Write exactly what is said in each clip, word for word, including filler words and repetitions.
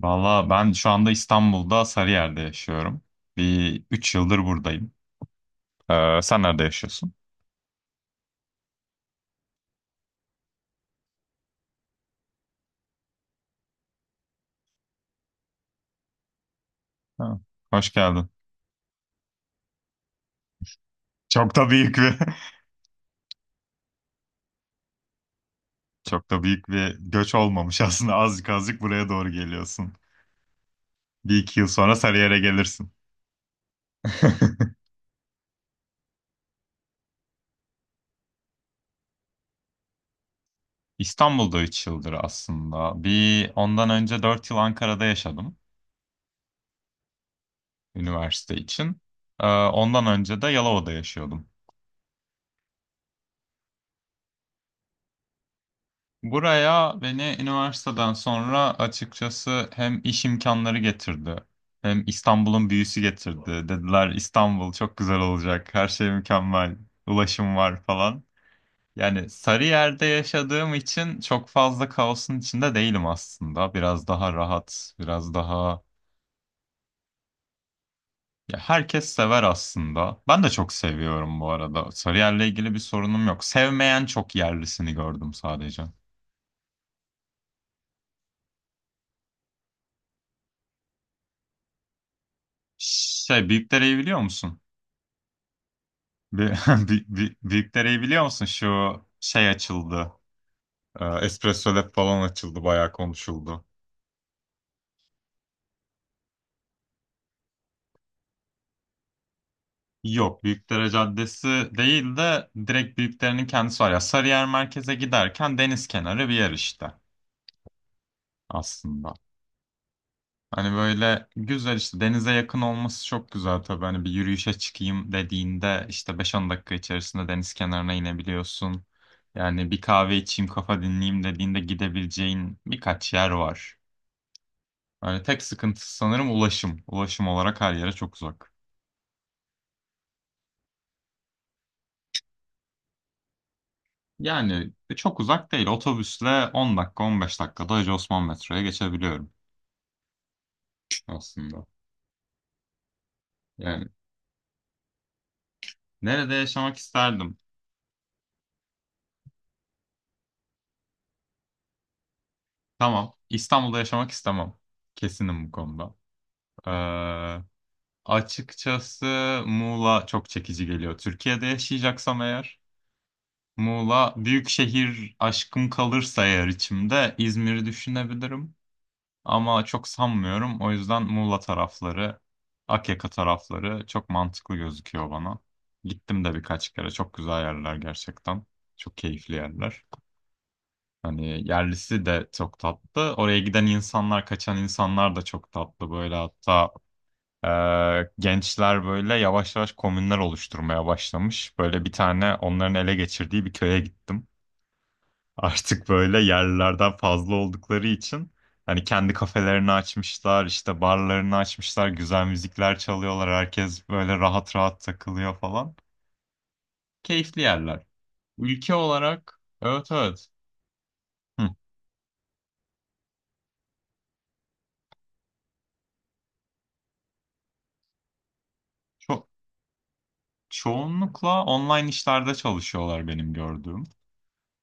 Valla ben şu anda İstanbul'da Sarıyer'de yaşıyorum. Bir üç yıldır buradayım. Ee, sen nerede yaşıyorsun? Ha, hoş geldin. Çok da büyük bir çok da büyük bir göç olmamış aslında. Azıcık azıcık buraya doğru geliyorsun. Bir iki yıl sonra Sarıyer'e gelirsin. İstanbul'da üç yıldır aslında. Bir ondan önce dört yıl Ankara'da yaşadım üniversite için. Ee, ondan önce de Yalova'da yaşıyordum. Buraya beni üniversiteden sonra açıkçası hem iş imkanları getirdi, hem İstanbul'un büyüsü getirdi. Dediler İstanbul çok güzel olacak, her şey mükemmel, ulaşım var falan. Yani Sarıyer'de yaşadığım için çok fazla kaosun içinde değilim aslında. Biraz daha rahat, biraz daha... Ya herkes sever aslında. Ben de çok seviyorum bu arada. Sarıyer'le ilgili bir sorunum yok. Sevmeyen çok yerlisini gördüm sadece. Şey, Büyükdere'yi biliyor musun? Bir, bir, bir, Büyükdere'yi biliyor musun? Şu şey açıldı. Ee, Espresso Lab falan açıldı. Bayağı konuşuldu. Yok. Büyükdere Caddesi değil de direkt Büyükdere'nin kendisi var. Ya Sarıyer merkeze giderken deniz kenarı bir yer işte aslında. Hani böyle güzel işte denize yakın olması çok güzel tabii. Hani bir yürüyüşe çıkayım dediğinde işte beş on dakika içerisinde deniz kenarına inebiliyorsun. Yani bir kahve içeyim kafa dinleyeyim dediğinde gidebileceğin birkaç yer var. Yani tek sıkıntısı sanırım ulaşım. Ulaşım olarak her yere çok uzak. Yani e, çok uzak değil. Otobüsle on dakika on beş dakikada Hacı Osman metroya geçebiliyorum aslında. Yani nerede yaşamak isterdim? Tamam. İstanbul'da yaşamak istemem. Kesinim bu konuda. Ee, Açıkçası Muğla çok çekici geliyor. Türkiye'de yaşayacaksam eğer Muğla büyük şehir aşkım kalırsa eğer içimde İzmir'i düşünebilirim. Ama çok sanmıyorum. O yüzden Muğla tarafları, Akyaka tarafları çok mantıklı gözüküyor bana. Gittim de birkaç kere. Çok güzel yerler gerçekten. Çok keyifli yerler. Hani yerlisi de çok tatlı. Oraya giden insanlar, kaçan insanlar da çok tatlı. Böyle hatta e, gençler böyle yavaş yavaş komünler oluşturmaya başlamış. Böyle bir tane onların ele geçirdiği bir köye gittim artık böyle yerlilerden fazla oldukları için hani kendi kafelerini açmışlar, işte barlarını açmışlar, güzel müzikler çalıyorlar, herkes böyle rahat rahat takılıyor falan. Keyifli yerler. Ülke olarak evet, evet. Hı. Çok çoğunlukla online işlerde çalışıyorlar benim gördüğüm.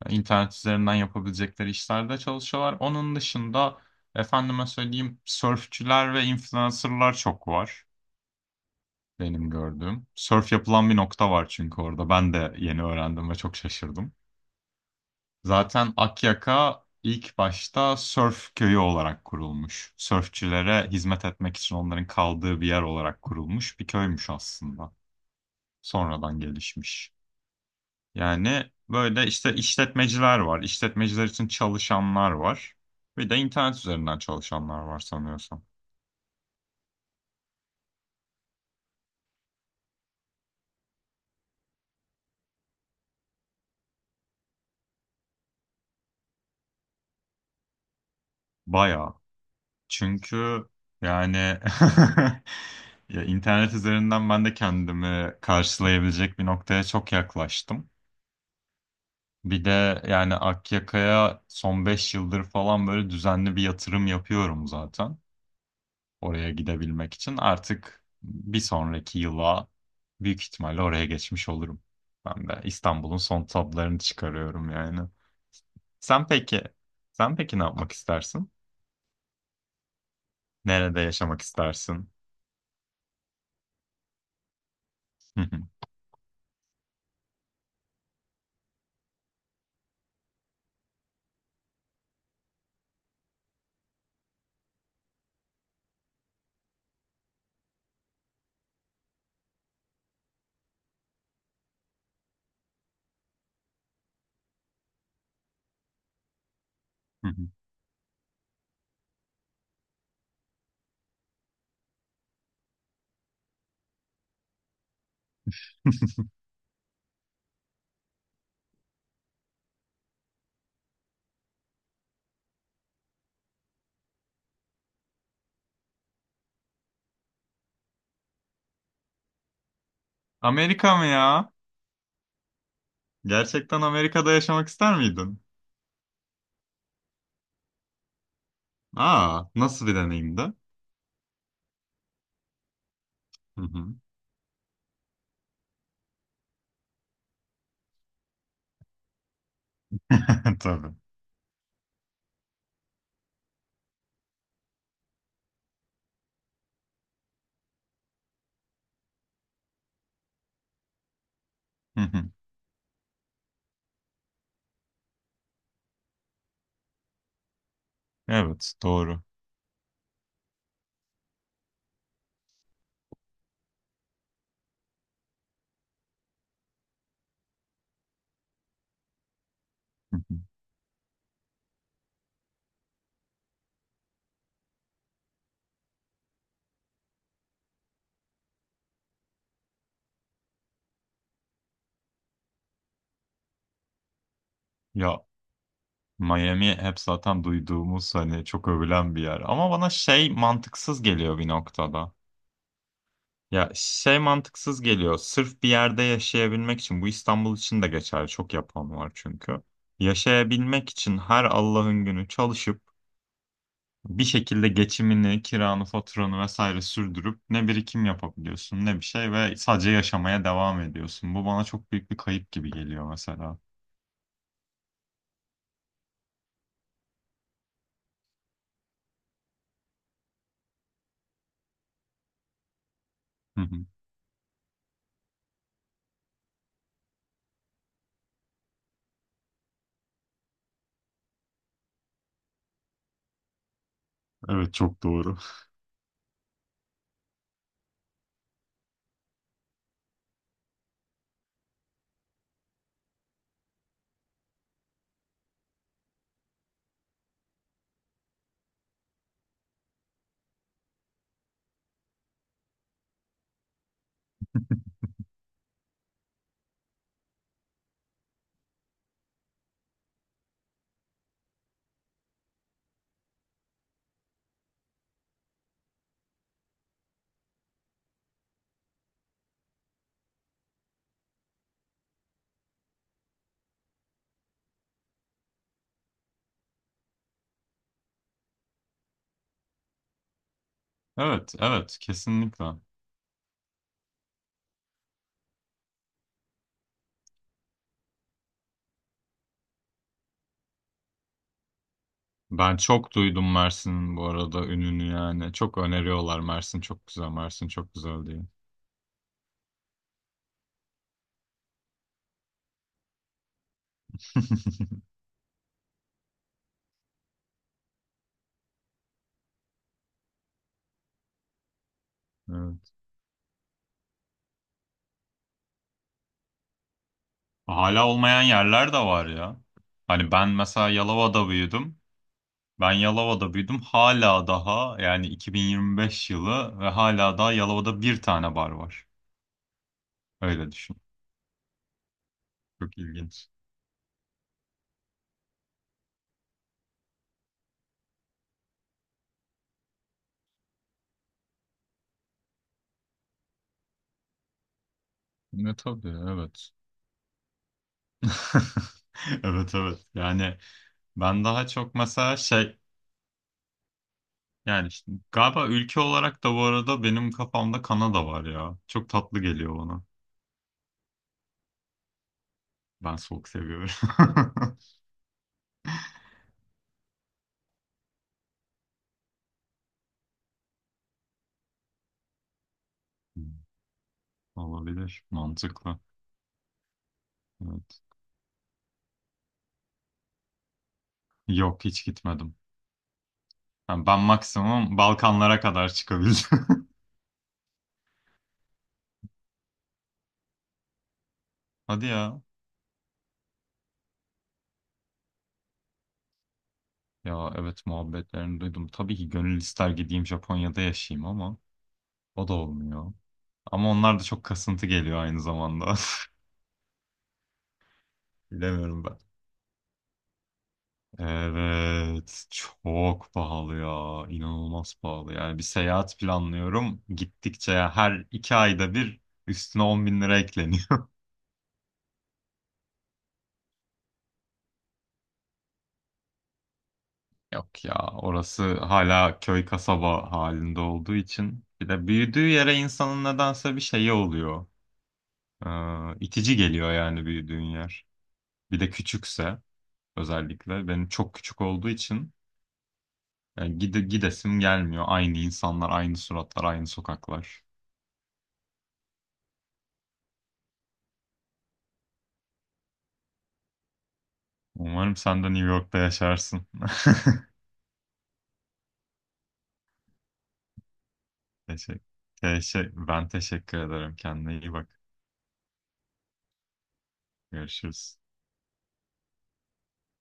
İnternet üzerinden yapabilecekleri işlerde çalışıyorlar. Onun dışında efendime söyleyeyim sörfçüler ve influencerlar çok var. Benim gördüğüm. Sörf yapılan bir nokta var çünkü orada. Ben de yeni öğrendim ve çok şaşırdım. Zaten Akyaka ilk başta sörf köyü olarak kurulmuş. Sörfçülere hizmet etmek için onların kaldığı bir yer olarak kurulmuş bir köymüş aslında. Sonradan gelişmiş. Yani böyle işte işletmeciler var. İşletmeciler için çalışanlar var. Bir de internet üzerinden çalışanlar var sanıyorsam. Bayağı. Çünkü yani ya internet üzerinden ben de kendimi karşılayabilecek bir noktaya çok yaklaştım. Bir de yani Akyaka'ya son beş yıldır falan böyle düzenli bir yatırım yapıyorum zaten. Oraya gidebilmek için. Artık bir sonraki yıla büyük ihtimalle oraya geçmiş olurum. Ben de İstanbul'un son tadlarını çıkarıyorum yani. Sen peki, sen peki ne yapmak istersin? Nerede yaşamak istersin? Hı hı. Amerika mı ya? Gerçekten Amerika'da yaşamak ister miydin? Aa, nasıl bir deneyimdi? Hı hı. Tabii. Hı hı. Evet, doğru. Hı hı. Ya Miami hep zaten duyduğumuz hani çok övülen bir yer. Ama bana şey mantıksız geliyor bir noktada. Ya şey mantıksız geliyor. Sırf bir yerde yaşayabilmek için bu İstanbul için de geçerli. Çok yapan var çünkü. Yaşayabilmek için her Allah'ın günü çalışıp bir şekilde geçimini, kiranı, faturanı vesaire sürdürüp ne birikim yapabiliyorsun ne bir şey ve sadece yaşamaya devam ediyorsun. Bu bana çok büyük bir kayıp gibi geliyor mesela. Hı hı. Evet çok doğru. Evet, evet kesinlikle. Ben çok duydum Mersin'in bu arada ününü yani. Çok öneriyorlar Mersin çok güzel, Mersin çok güzel diye. Evet. Hala olmayan yerler de var ya. Hani ben mesela Yalova'da büyüdüm. Ben Yalova'da büyüdüm. Hala daha yani iki bin yirmi beş yılı ve hala daha Yalova'da bir tane bar var. Öyle düşün. Çok ilginç. Ne tabii evet. Evet, evet. Yani ben daha çok mesela şey yani işte galiba ülke olarak da bu arada benim kafamda Kanada var ya. Çok tatlı geliyor bana. Ben soğuk seviyorum. Hmm. Olabilir. Mantıklı. Evet. Yok hiç gitmedim. Yani ben maksimum Balkanlara kadar çıkabildim. Hadi ya. Ya evet muhabbetlerini duydum. Tabii ki gönül ister gideyim Japonya'da yaşayayım ama o da olmuyor. Ama onlar da çok kasıntı geliyor aynı zamanda. Bilemiyorum ben. Evet çok pahalı ya. İnanılmaz pahalı. Yani bir seyahat planlıyorum. Gittikçe ya her iki ayda bir üstüne on bin lira ekleniyor. Yok ya orası hala köy kasaba halinde olduğu için. Bir de büyüdüğü yere insanın nedense bir şeyi oluyor. Ee, itici geliyor yani büyüdüğün yer. Bir de küçükse özellikle benim çok küçük olduğu için yani gide, gidesim gelmiyor. Aynı insanlar, aynı suratlar, aynı sokaklar. Umarım sen de New York'ta yaşarsın. Teşekkür. Teşekkür. Ben teşekkür ederim. Kendine iyi bak. Görüşürüz.